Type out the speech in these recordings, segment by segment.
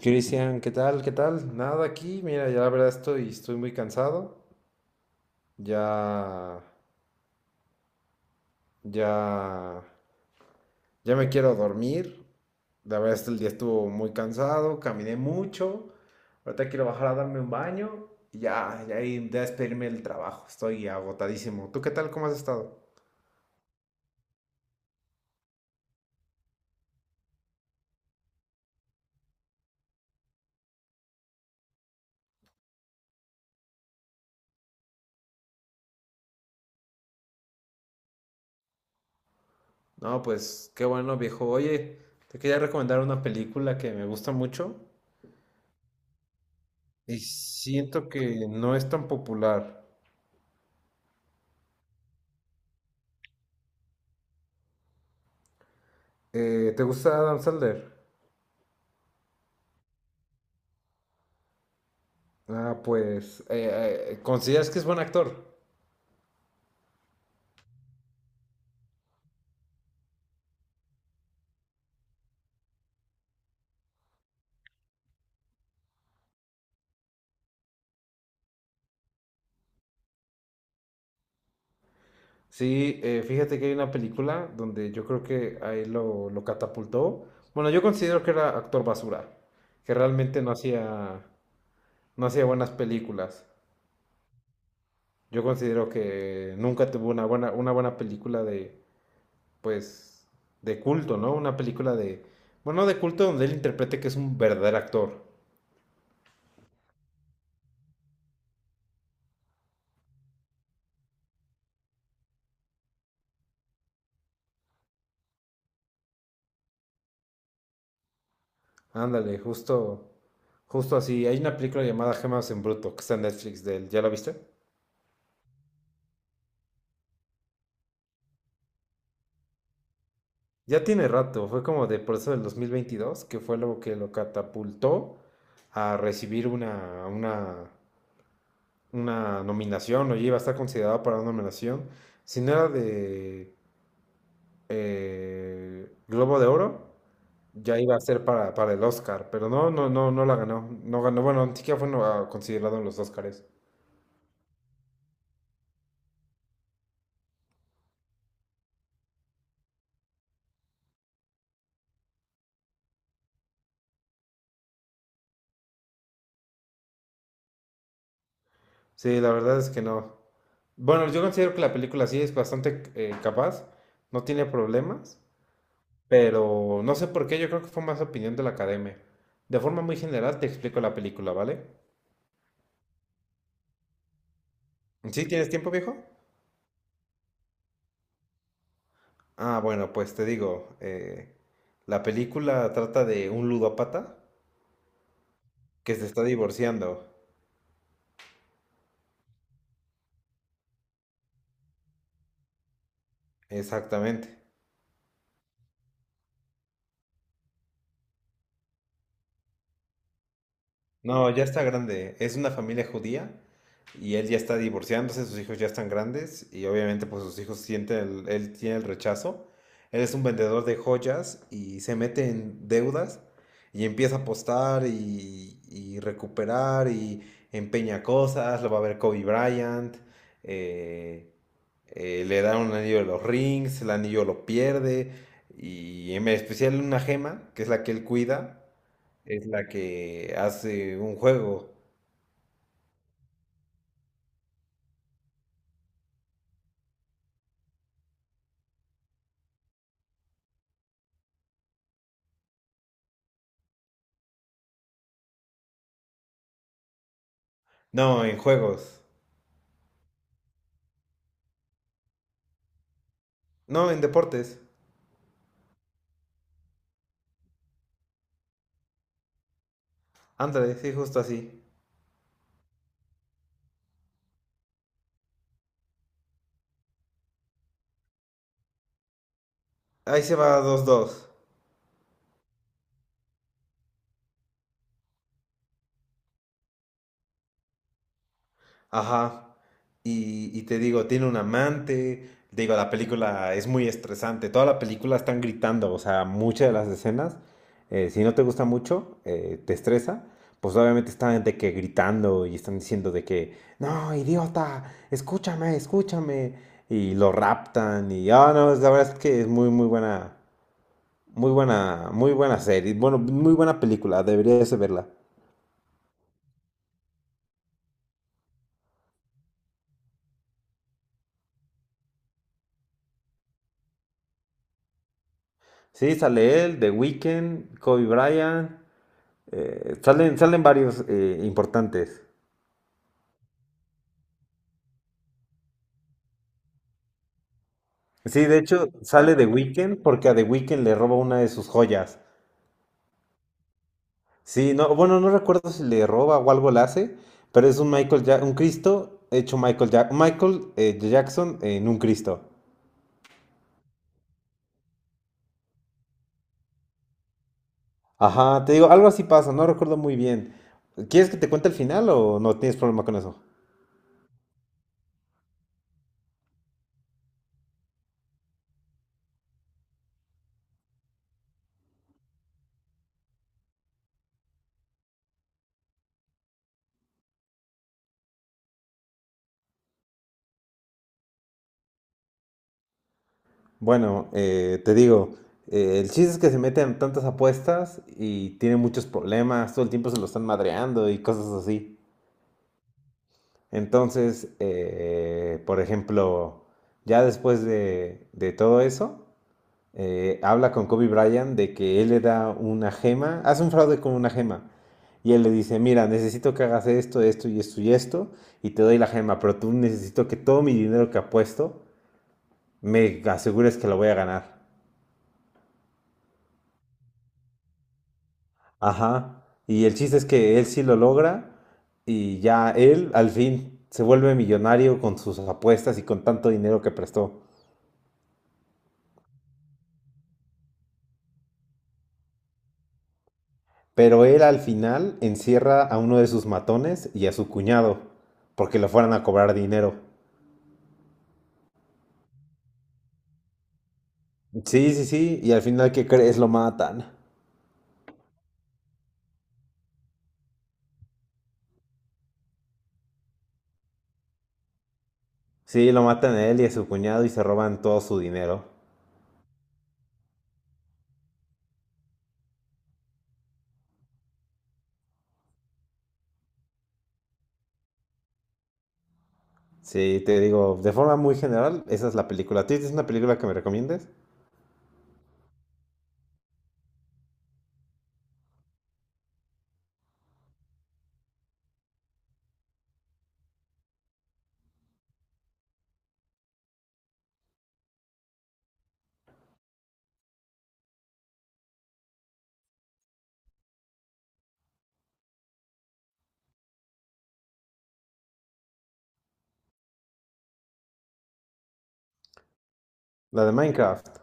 Cristian, ¿qué tal? ¿Qué tal? Nada aquí. Mira, ya la verdad estoy muy cansado. Ya, ya, ya me quiero dormir. La verdad es que el día estuvo muy cansado, caminé mucho. Ahorita quiero bajar a darme un baño y ya, ya ir a despedirme del trabajo. Estoy agotadísimo. ¿Tú qué tal? ¿Cómo has estado? No, pues qué bueno, viejo. Oye, te quería recomendar una película que me gusta mucho y siento que no es tan popular. ¿Te gusta Adam Sandler? Ah, pues, ¿consideras que es buen actor? Sí, fíjate que hay una película donde yo creo que ahí lo catapultó. Bueno, yo considero que era actor basura, que realmente no hacía, buenas películas. Yo considero que nunca tuvo una buena película de, pues, de culto, ¿no? Una película de, bueno, de culto donde él interprete que es un verdadero actor. Ándale, justo, justo así. Hay una película llamada Gemas en Bruto, que está en Netflix de él. ¿Ya la viste? Ya tiene rato, fue como de por eso del 2022 que fue lo que lo catapultó a recibir una nominación, o ya iba a estar considerado para una nominación. Si no era de Globo de Oro, ya iba a ser para el Oscar, pero no, no, no, no la ganó. No ganó, bueno, ni siquiera fue considerado en los Oscars. Sí, la verdad es que no. Bueno, yo considero que la película sí es bastante capaz, no tiene problemas. Pero no sé por qué, yo creo que fue más opinión de la academia. De forma muy general te explico la película, ¿vale? ¿Sí tienes tiempo, viejo? Ah, bueno, pues te digo, la película trata de un ludópata que se está divorciando. Exactamente. No, ya está grande. Es una familia judía y él ya está divorciándose, sus hijos ya están grandes y obviamente pues sus hijos sienten, él tiene el rechazo. Él es un vendedor de joyas y se mete en deudas y empieza a apostar y, recuperar y empeña cosas, lo va a ver Kobe Bryant, eh, le da un anillo de los rings, el anillo lo pierde y en especial una gema, que es la que él cuida, es la que hace un juego. No, en juegos. No, en deportes. Ándale, sí, justo así. Ahí se va 2-2. Ajá. Y te digo, tiene un amante. Digo, la película es muy estresante. Toda la película están gritando. O sea, muchas de las escenas, si no te gusta mucho, te estresa. Pues obviamente están de que gritando y están diciendo de que, no, idiota, escúchame, escúchame. Y lo raptan y, ah, no, la verdad es que es muy, muy buena, muy buena, muy buena serie. Bueno, muy buena película, deberías de verla. Sí, sale él, The Weeknd, Kobe Bryant. Salen, salen varios importantes. Sí, de hecho, sale The Weeknd porque a The Weeknd le roba una de sus joyas. Sí, no, bueno, no recuerdo si le roba o algo le hace, pero es un un Cristo hecho Michael Jackson en un Cristo. Ajá, te digo, algo así pasa, no recuerdo muy bien. ¿Quieres que te cuente el final o no tienes problema con eso? Bueno, te digo, el chiste es que se meten en tantas apuestas y tiene muchos problemas, todo el tiempo se lo están madreando y cosas así. Entonces, por ejemplo, ya después de todo eso, habla con Kobe Bryant de que él le da una gema, hace un fraude con una gema. Y él le dice, mira, necesito que hagas esto, esto y esto y esto, y te doy la gema, pero tú necesito que todo mi dinero que apuesto me asegures que lo voy a ganar. Ajá. Y el chiste es que él sí lo logra y ya él al fin se vuelve millonario con sus apuestas y con tanto dinero que prestó. Pero él al final encierra a uno de sus matones y a su cuñado, porque lo fueran a cobrar dinero. Sí, sí, sí, y al final, ¿qué crees? Lo matan. Sí, lo matan a él y a su cuñado y se roban todo su dinero. Sí, te digo, de forma muy general, esa es la película. ¿Tú tienes una película que me recomiendes? La de Minecraft.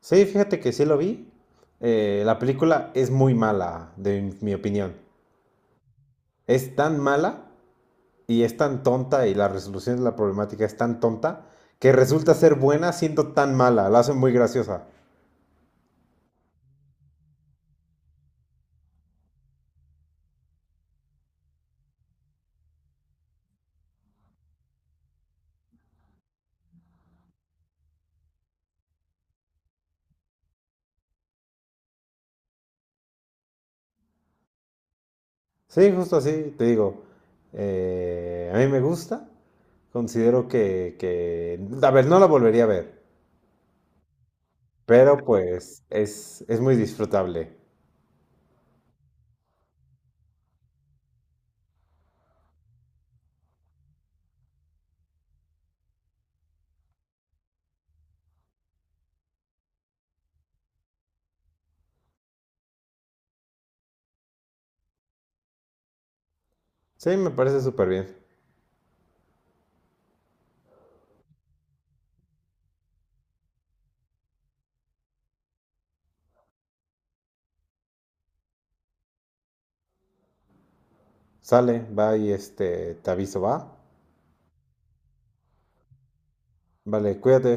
Sí, fíjate que sí lo vi. La película es muy mala, de mi opinión. Es tan mala y es tan tonta y la resolución de la problemática es tan tonta que resulta ser buena siendo tan mala, la hacen muy graciosa. Sí, justo así, te digo, a mí me gusta, considero que, a ver, no la volvería a ver, pero pues es, muy disfrutable. Sí, me parece súper bien. Sale, va y este, te aviso, va. Vale, cuídate.